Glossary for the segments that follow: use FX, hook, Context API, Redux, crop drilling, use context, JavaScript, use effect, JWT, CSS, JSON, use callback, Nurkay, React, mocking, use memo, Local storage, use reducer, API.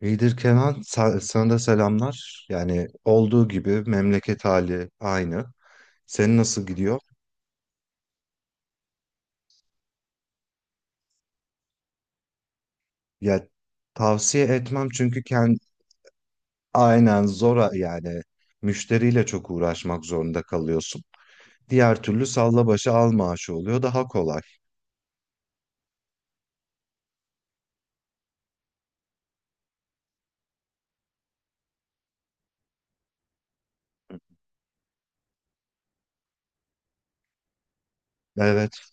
İyidir Kenan, sana da selamlar. Yani olduğu gibi memleket hali aynı. Senin nasıl gidiyor? Ya tavsiye etmem çünkü kendi aynen zora yani müşteriyle çok uğraşmak zorunda kalıyorsun. Diğer türlü salla başı al maaşı oluyor daha kolay. Evet,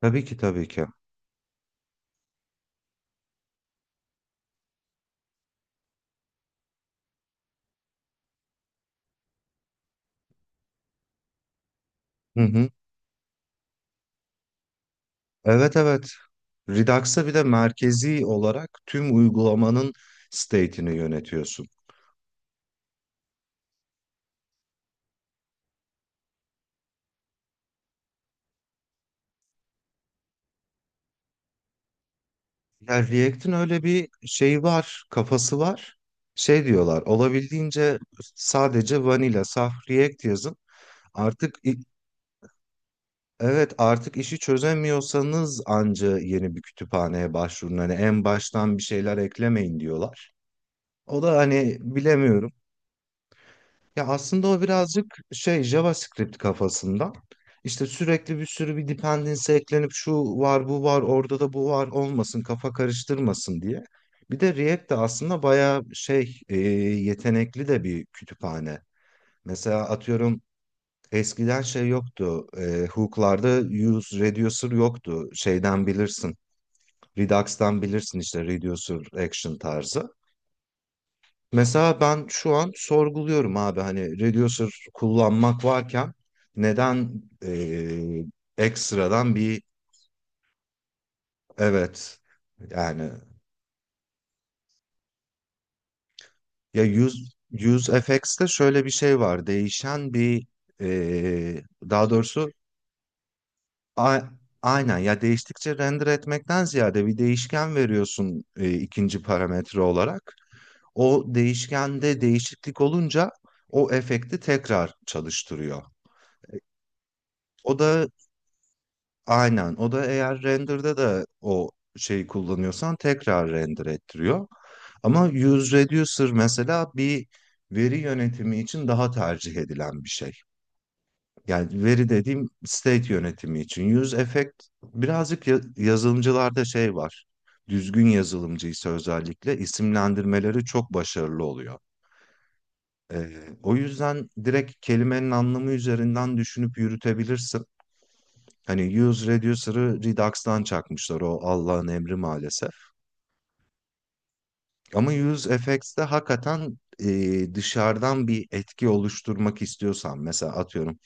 tabii ki tabii ki. Hı hı. Evet evet. Redux'a bir de merkezi olarak tüm uygulamanın state'ini yönetiyorsun. Ya React'in öyle bir şeyi var, kafası var. Şey diyorlar, olabildiğince sadece vanilla, saf React yazın. Artık i- evet, artık işi çözemiyorsanız anca yeni bir kütüphaneye başvurun. Hani en baştan bir şeyler eklemeyin diyorlar. O da hani bilemiyorum. Ya aslında o birazcık şey JavaScript kafasında. İşte sürekli bir sürü dependency eklenip şu var bu var orada da bu var olmasın kafa karıştırmasın diye. Bir de React de aslında bayağı şey yetenekli de bir kütüphane. Mesela atıyorum eskiden şey yoktu. Hook'larda use reducer yoktu. Şeyden bilirsin. Redux'tan bilirsin işte reducer action tarzı. Mesela ben şu an sorguluyorum abi hani Reducer kullanmak varken neden eee, ekstradan bir evet yani ya use FX'te şöyle bir şey var, değişen bir eee, daha doğrusu a- aynen ya, değiştikçe render etmekten ziyade bir değişken veriyorsun ikinci parametre olarak, o değişkende değişiklik olunca o efekti tekrar çalıştırıyor. O da aynen. O da eğer render'da da o şeyi kullanıyorsan tekrar render ettiriyor. Ama use reducer mesela bir veri yönetimi için daha tercih edilen bir şey. Yani veri dediğim state yönetimi için. Use effect birazcık yazılımcılarda şey var. Düzgün yazılımcıysa özellikle isimlendirmeleri çok başarılı oluyor. Ee, O yüzden direkt kelimenin anlamı üzerinden düşünüp yürütebilirsin. Hani Use Reducer'ı Redux'tan çakmışlar o Allah'ın emri maalesef. Ama UseFX'te hakikaten dışarıdan bir etki oluşturmak istiyorsan mesela atıyorum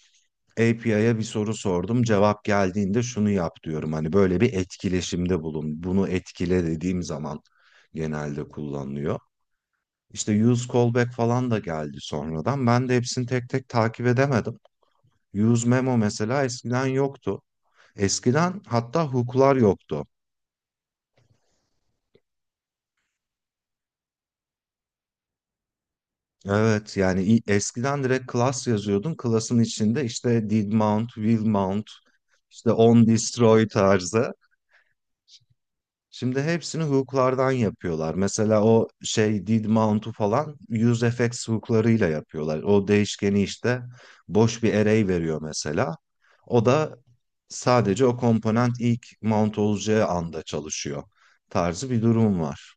API'ye bir soru sordum, cevap geldiğinde şunu yap diyorum. Hani böyle bir etkileşimde bulun, bunu etkile dediğim zaman genelde kullanılıyor. İşte use callback falan da geldi sonradan. Ben de hepsini tek tek takip edemedim. Use memo mesela eskiden yoktu. Eskiden hatta hook'lar yoktu. Eskiden direkt class yazıyordun. Class'ın içinde işte did mount, will mount, işte on destroy tarzı. Şimdi hepsini hook'lardan yapıyorlar. Mesela o şey did mount'u falan use useFX hook'larıyla yapıyorlar. O değişkeni işte boş bir array veriyor mesela. O da sadece o komponent ilk mount olacağı anda çalışıyor tarzı bir durum var.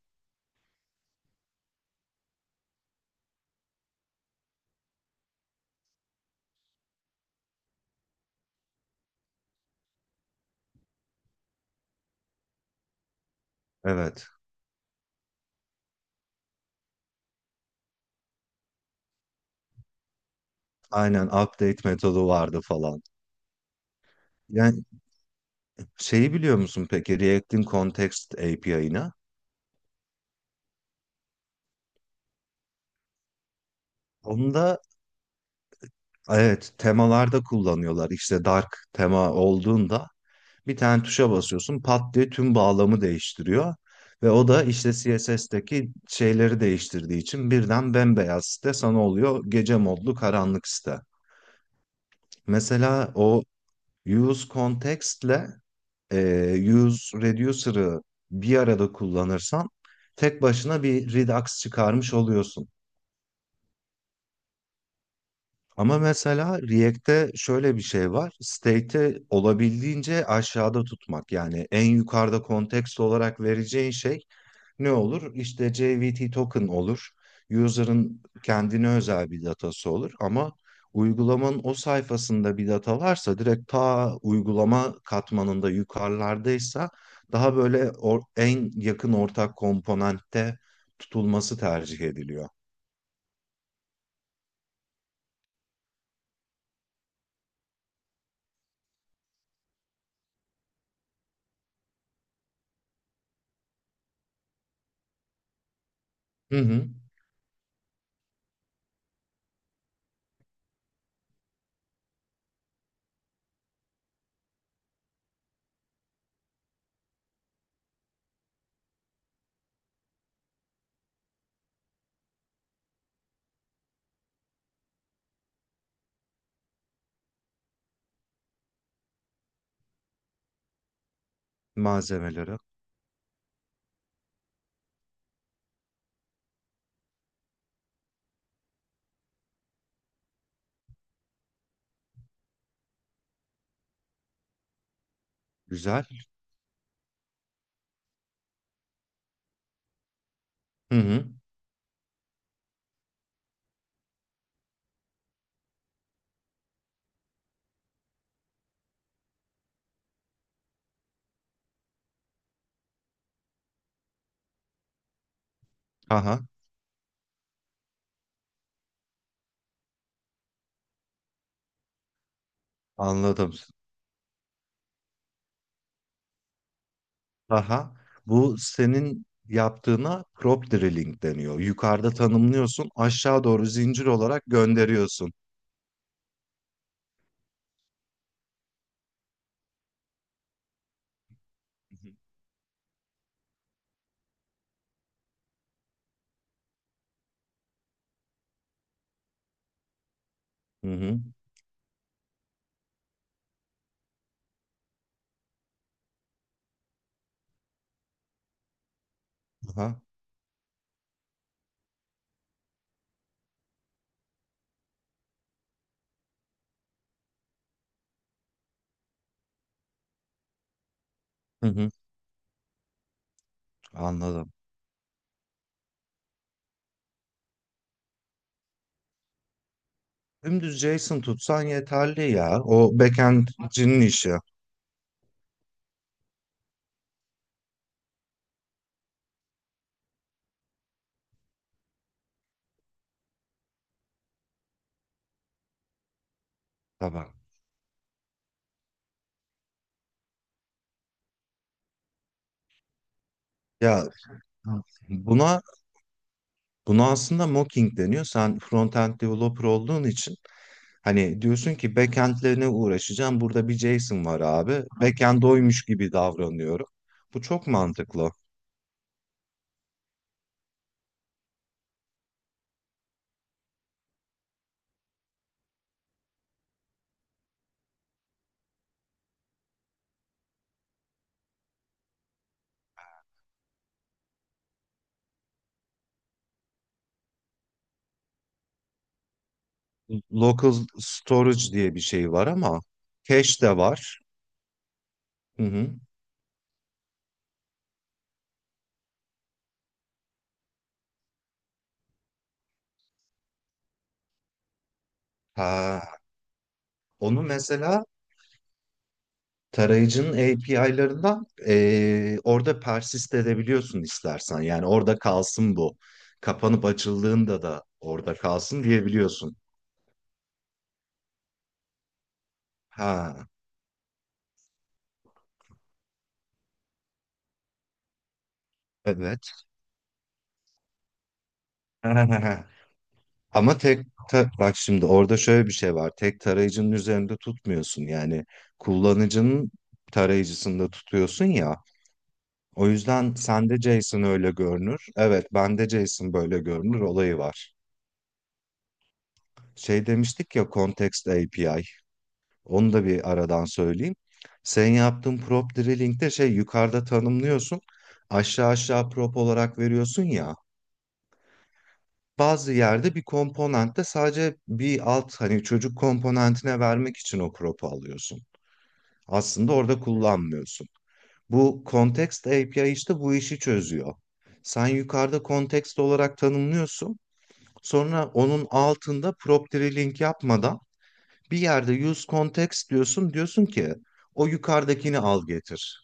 Evet. Aynen update metodu vardı falan. Yani şeyi biliyor musun peki React'in Context API'ını? Onda evet, temalarda kullanıyorlar. İşte dark tema olduğunda bir tane tuşa basıyorsun, pat diye tüm bağlamı değiştiriyor. Ve o da işte CSS'teki şeyleri değiştirdiği için birden bembeyaz site sana oluyor gece modlu karanlık site. Mesela o use context'le e, use reducer'ı bir arada kullanırsan tek başına bir Redux çıkarmış oluyorsun. Ama mesela React'te şöyle bir şey var: state'i olabildiğince aşağıda tutmak. Yani en yukarıda kontekst olarak vereceğin şey ne olur? İşte JWT token olur. User'ın kendine özel bir datası olur. Ama uygulamanın o sayfasında bir data varsa direkt ta uygulama katmanında yukarılardaysa daha böyle en yakın ortak komponentte tutulması tercih ediliyor. Hı hı. Malzemeleri. Güzel. Hı hı. Aha, anladım. Aha, bu senin yaptığına crop drilling deniyor. Yukarıda tanımlıyorsun, aşağı doğru zincir olarak gönderiyorsun. Hı hı. Aha. Hı hı. Anladım. Dümdüz JSON tutsan yeterli ya. O backend'cinin işi. Tamam. Ya buna Buna aslında mocking deniyor. Sen front-end developer olduğun için hani diyorsun ki backend'lerine uğraşacağım. Burada bir JSON var abi. Backend oymuş gibi davranıyorum. Bu çok mantıklı. Local storage diye bir şey var ama cache de var. Hı hı. Ha, onu mesela tarayıcının API'larından orada persist edebiliyorsun istersen. Yani orada kalsın bu. Kapanıp açıldığında da orada kalsın diyebiliyorsun. Ha, evet. Ama bak şimdi orada şöyle bir şey var. Tek tarayıcının üzerinde tutmuyorsun. Yani kullanıcının tarayıcısında tutuyorsun ya. O yüzden sende JSON öyle görünür, evet, bende JSON böyle görünür olayı var. Şey demiştik ya, Context API. Onu da bir aradan söyleyeyim. Sen yaptığın prop drilling'de şey yukarıda tanımlıyorsun. Aşağı aşağı prop olarak veriyorsun ya. Bazı yerde bir komponentte sadece bir alt hani çocuk komponentine vermek için o crop'u alıyorsun. Aslında orada kullanmıyorsun. Bu Context API işte bu işi çözüyor. Sen yukarıda context olarak tanımlıyorsun. Sonra onun altında property link yapmadan bir yerde use context diyorsun. Diyorsun ki o yukarıdakini al getir.